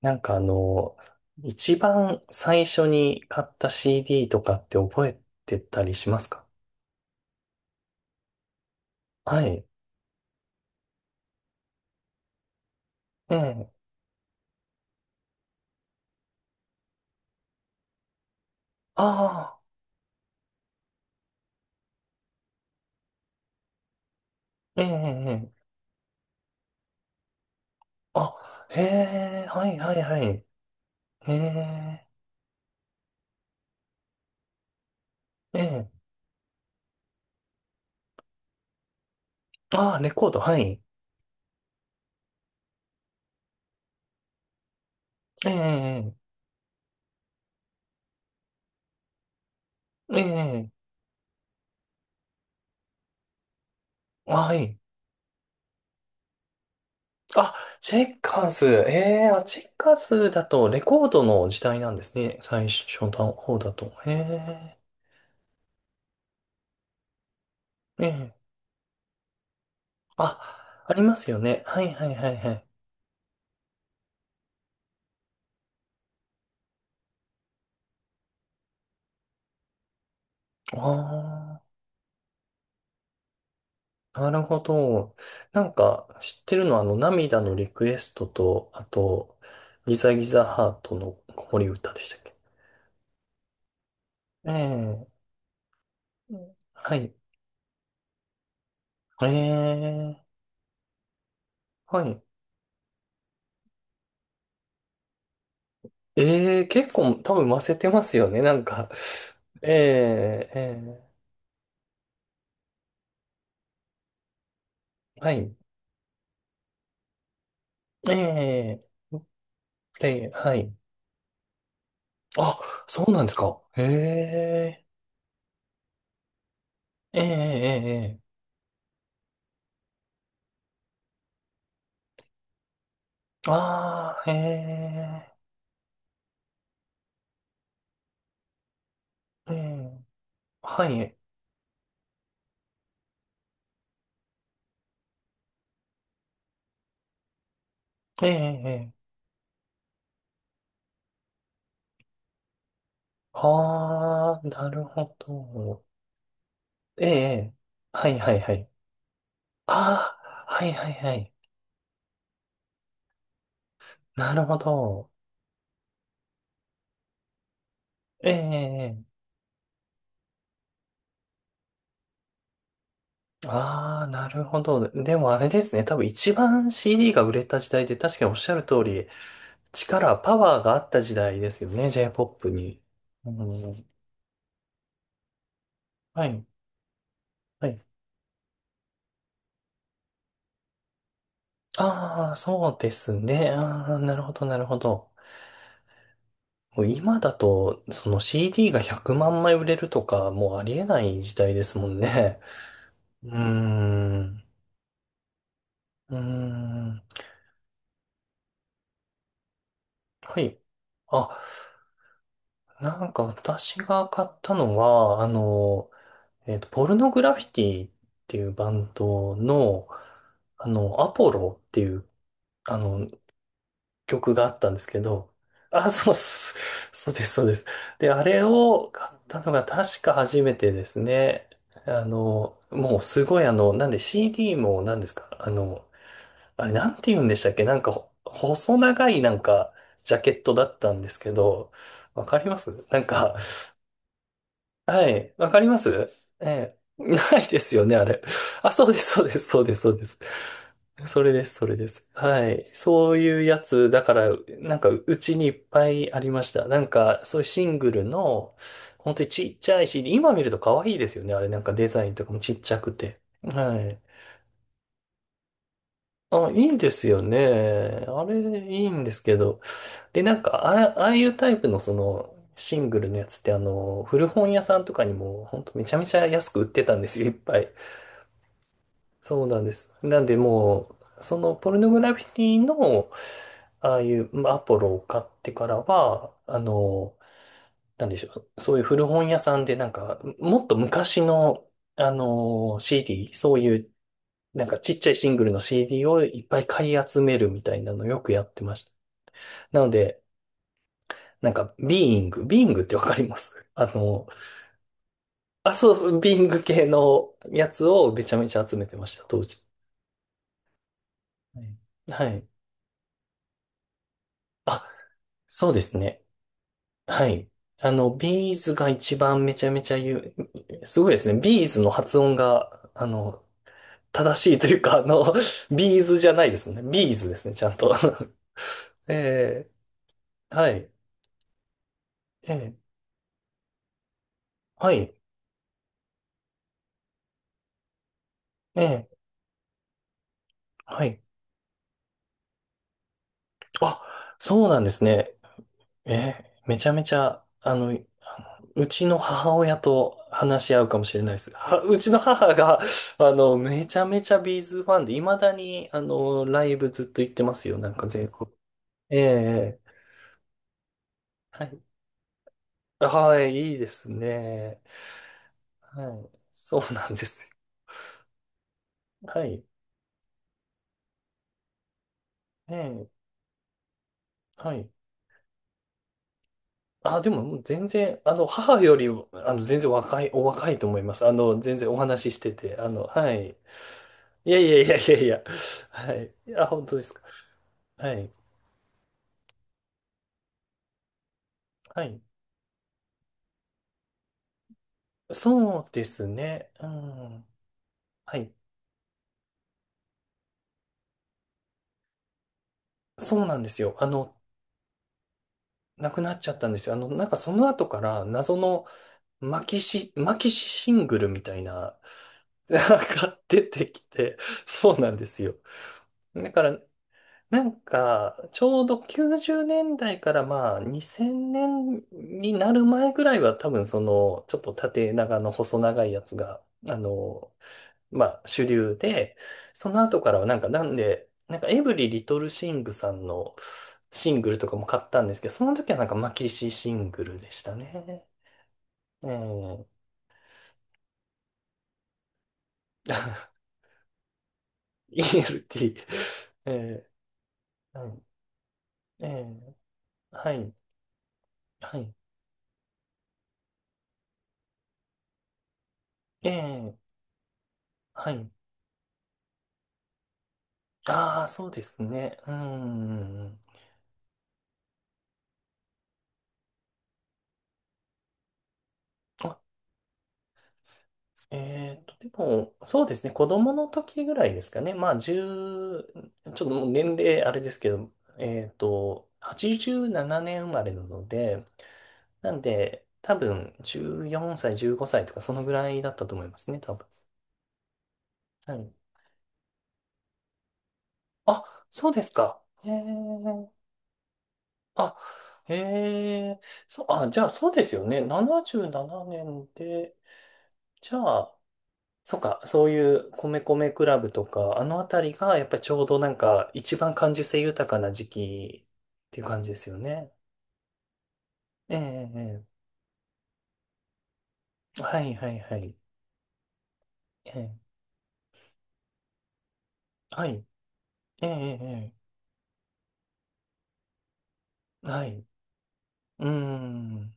なんか一番最初に買った CD とかって覚えてたりしますか？はい。ええ。ああ、ええ、ええ。ええ。あ、へえ、はいはいはい。へえ、ええ。ああ、レコード、はい。ええ、ええ、ええ。はい。あ、チェッカーズ。ええ、あ、チェッカーズだとレコードの時代なんですね。最初の方だと。へえ、ええ。あ、ありますよね。はいはいはいはい。ああ。なるほど。なんか、知ってるのは、涙のリクエストと、あと、ギザギザハートの子守歌でしたっけ？ええ、うんはい。ええ、はい。ええ、結構多分混ぜてますよね、なんか。ええ、ええ、はい。ええ、プレイ、はい。あ、そうなんですか。ええ、ええ、ええ、ええ。ああ、ええ、ええ、はい。ええ、ええ。ああ、なるほど。ええ、ええ、はいはいはい。ああ、はいはいはい。なるほど。ええ、ええ。ああー、なるほど。でもあれですね。多分一番 CD が売れた時代で、確かにおっしゃる通り、力、パワーがあった時代ですよね。J-POP に。うん、はい、はい。ああ、そうですね。ああ、なるほど、なるほど。もう今だと、その CD が100万枚売れるとか、もうありえない時代ですもんね。うーん。うーん。はい。あ、なんか私が買ったのは、ポルノグラフィティっていうバンドの、アポロっていう、あの、曲があったんですけど、あ、そうです、そうです。で、あれを買ったのが確か初めてですね。もうすごいなんで CD も何ですかあれ、なんて言うんでしたっけ、なんか、ほ細長いなんか、ジャケットだったんですけど、わかりますなんか、はい、わかります。ええ、ないですよね、あれ。あ、そうです、そうです、そうです、そうです。それです、それです。はい。そういうやつ、だから、なんか、うちにいっぱいありました。なんか、そういうシングルの、本当にちっちゃいし、今見ると可愛いですよね。あれ、なんかデザインとかもちっちゃくて。はい。あ、いいですよね。あれ、いいんですけど。で、なんか、ああいうタイプのその、シングルのやつって、古本屋さんとかにも、ほんとめちゃめちゃ安く売ってたんですよ、いっぱい。そうなんです。なんで、もう、その、ポルノグラフィティの、ああいうまあアポロを買ってからは、なんでしょう、そういう古本屋さんで、なんか、もっと昔の、CD、そういう、なんかちっちゃいシングルの CD をいっぱい買い集めるみたいなのよくやってました。なので、なんか、ビーイングってわかります？ あ、ビーイング系のやつをめちゃめちゃ集めてました、当時。はいはい。あ、そうですね。はい。あの、ビーズが一番めちゃめちゃ言う、すごいですね。ビーズの発音が、正しいというか、あの、ビーズじゃないですもんね。ビーズですね、ちゃんと。ええはい。ええはい。ええはい。あ、そうなんですね。え、めちゃめちゃ、あのうちの母親と話し合うかもしれないです。はうちの母が、めちゃめちゃビーズファンで、未だに、ライブずっと行ってますよ。なんか全国。ええええはい。はい、いいですね。はい。そうなんですよ。はい。ええはい。あ、でも、もう全然、母より、全然若い、お若いと思います。全然お話ししてて、あの、はい。いやいやいやいやいや。はい。あ、本当ですか。はい。はい。そうですね。うん。はい。そうなんですよ。亡くなっちゃったんですよ。なんかその後から謎のマキシシングルみたいな、なんか出てきて、そうなんですよ。だから、なんか、ちょうど90年代からまあ2000年になる前ぐらいは多分その、ちょっと縦長の細長いやつが、まあ、主流で、その後からはなんか、なんで、なんかエブリリトルシングさんのシングルとかも買ったんですけど、その時はなんかマキシシングルでしたね。えー、ELT。えはい。えー、はい。はい。えー、はい。ああ、そうですね。うん。でも、そうですね、子供の時ぐらいですかね。まあ、1ちょっともう年齢あれですけど、87年生まれなので、なんで、多分、14歳、15歳とか、そのぐらいだったと思いますね、多分。はい。あ、そうですか。へえ。あ、へえ。そう、あ、じゃあ、そうですよね。77年で、じゃあ、そっか、そういう米米クラブとか、あのあたりがやっぱりちょうどなんか一番感受性豊かな時期っていう感じですよね。ええ、ええ、ええはいはいはい。ええ、はい。ええ、ええ、ええはい。うーん、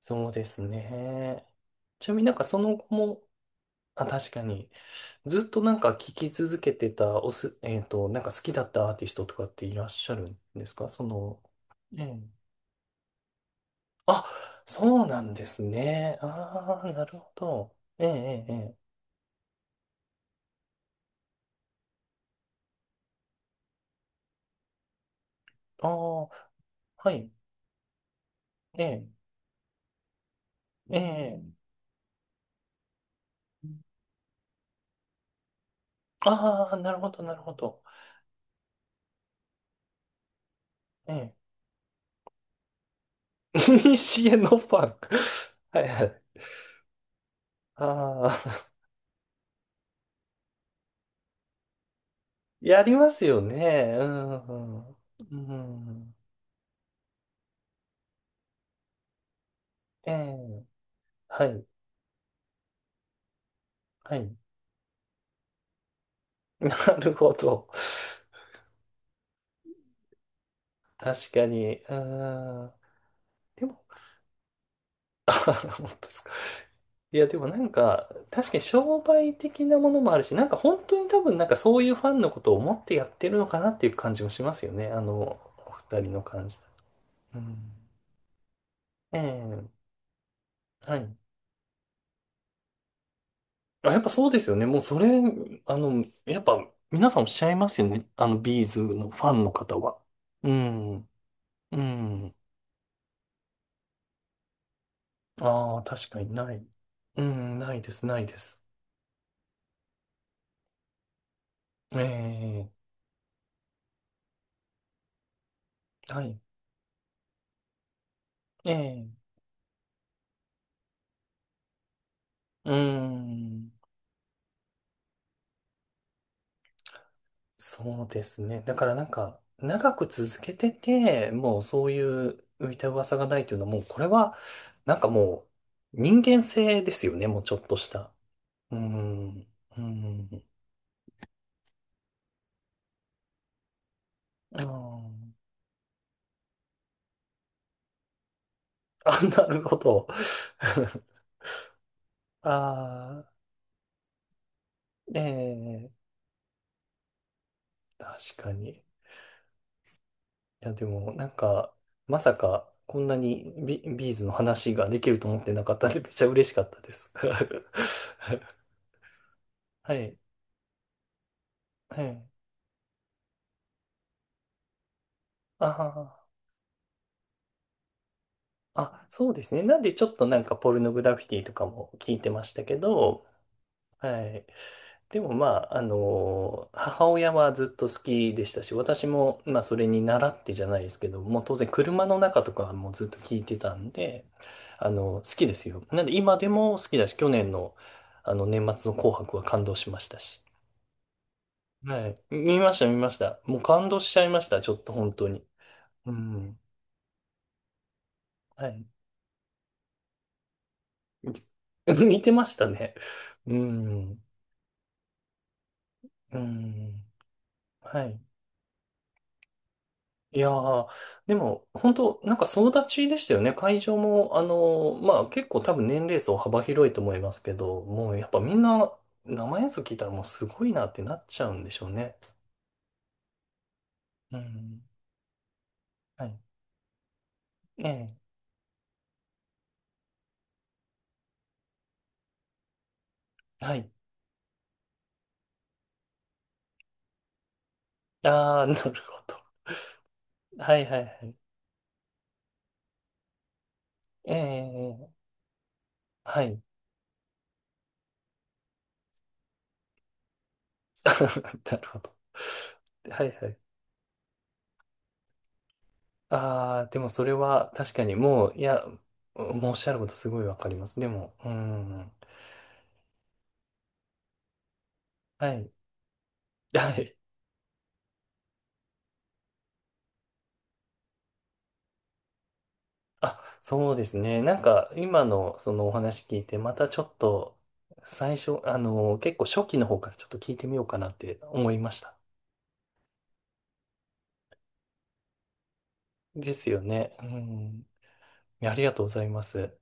そうですね。ちなみになんかその後も、あ、確かに、ずっとなんか聴き続けてた、おす、なんか好きだったアーティストとかっていらっしゃるんですかその、ええ。あ、そうなんですね。ああ、なるほど。ええ、ええ、ええ。ああ、はい。ええ、ええ。ああ、なるほど、なるほど。ええ。西へのファン。はいはい。ああ、やりますよね。うん、うん。うん。ええ、はい、はい。なるほど。確かに。うん。でも あはは本当ですか。いや、でもなんか、確かに商売的なものもあるし、なんか本当に多分なんかそういうファンのことを思ってやってるのかなっていう感じもしますよね。お二人の感じ。うん。ええ、はい。あ、やっぱそうですよね。もうそれ、やっぱ皆さんおっしゃいますよね。ビーズのファンの方は。うん。うん。ああ、確かにない。うん、ないです、ないです。ええ、はい。ええ、うん。そうですね。だからなんか、長く続けてて、もうそういう浮いた噂がないというのは、もうこれは、なんかもう、人間性ですよね、もうちょっとした。うーん、うーん、あーあ、なるほど。ああ、ええ、確かに。いや、でも、なんか、まさか、こんなにビーズの話ができると思ってなかったんで、めっちゃ嬉しかったです。はい、はい。ああ。あ、そうですね。なんでちょっとなんかポルノグラフィティとかも聞いてましたけど、はい。でもまあ、母親はずっと好きでしたし、私もまあそれに習ってじゃないですけど、もう当然車の中とかもずっと聞いてたんで、好きですよ。なんで今でも好きだし、去年のあの年末の紅白は感動しましたし。はい。見ました、見ました。もう感動しちゃいました、ちょっと本当に。うん。はい。見てましたね。うん。うん。はい。いやー、でも、本当なんか総立ちでしたよね。会場も、あのーまあ結構多分年齢層幅広いと思いますけど、もうやっぱみんな生演奏聞いたらもうすごいなってなっちゃうんでしょうね。うん。はい。ええ。はい。ああ、なるほど。はいはいはい。ええ、はい。なるほど。はいはい。ああ、でもそれは確かにもう、いや、もうおっしゃることすごいわかります。でも、うん。はい。はい。あ、そうですね。なんか、今のそのお話聞いて、またちょっと、最初、結構初期の方からちょっと聞いてみようかなって思いました。ですよね。うん。ありがとうございます。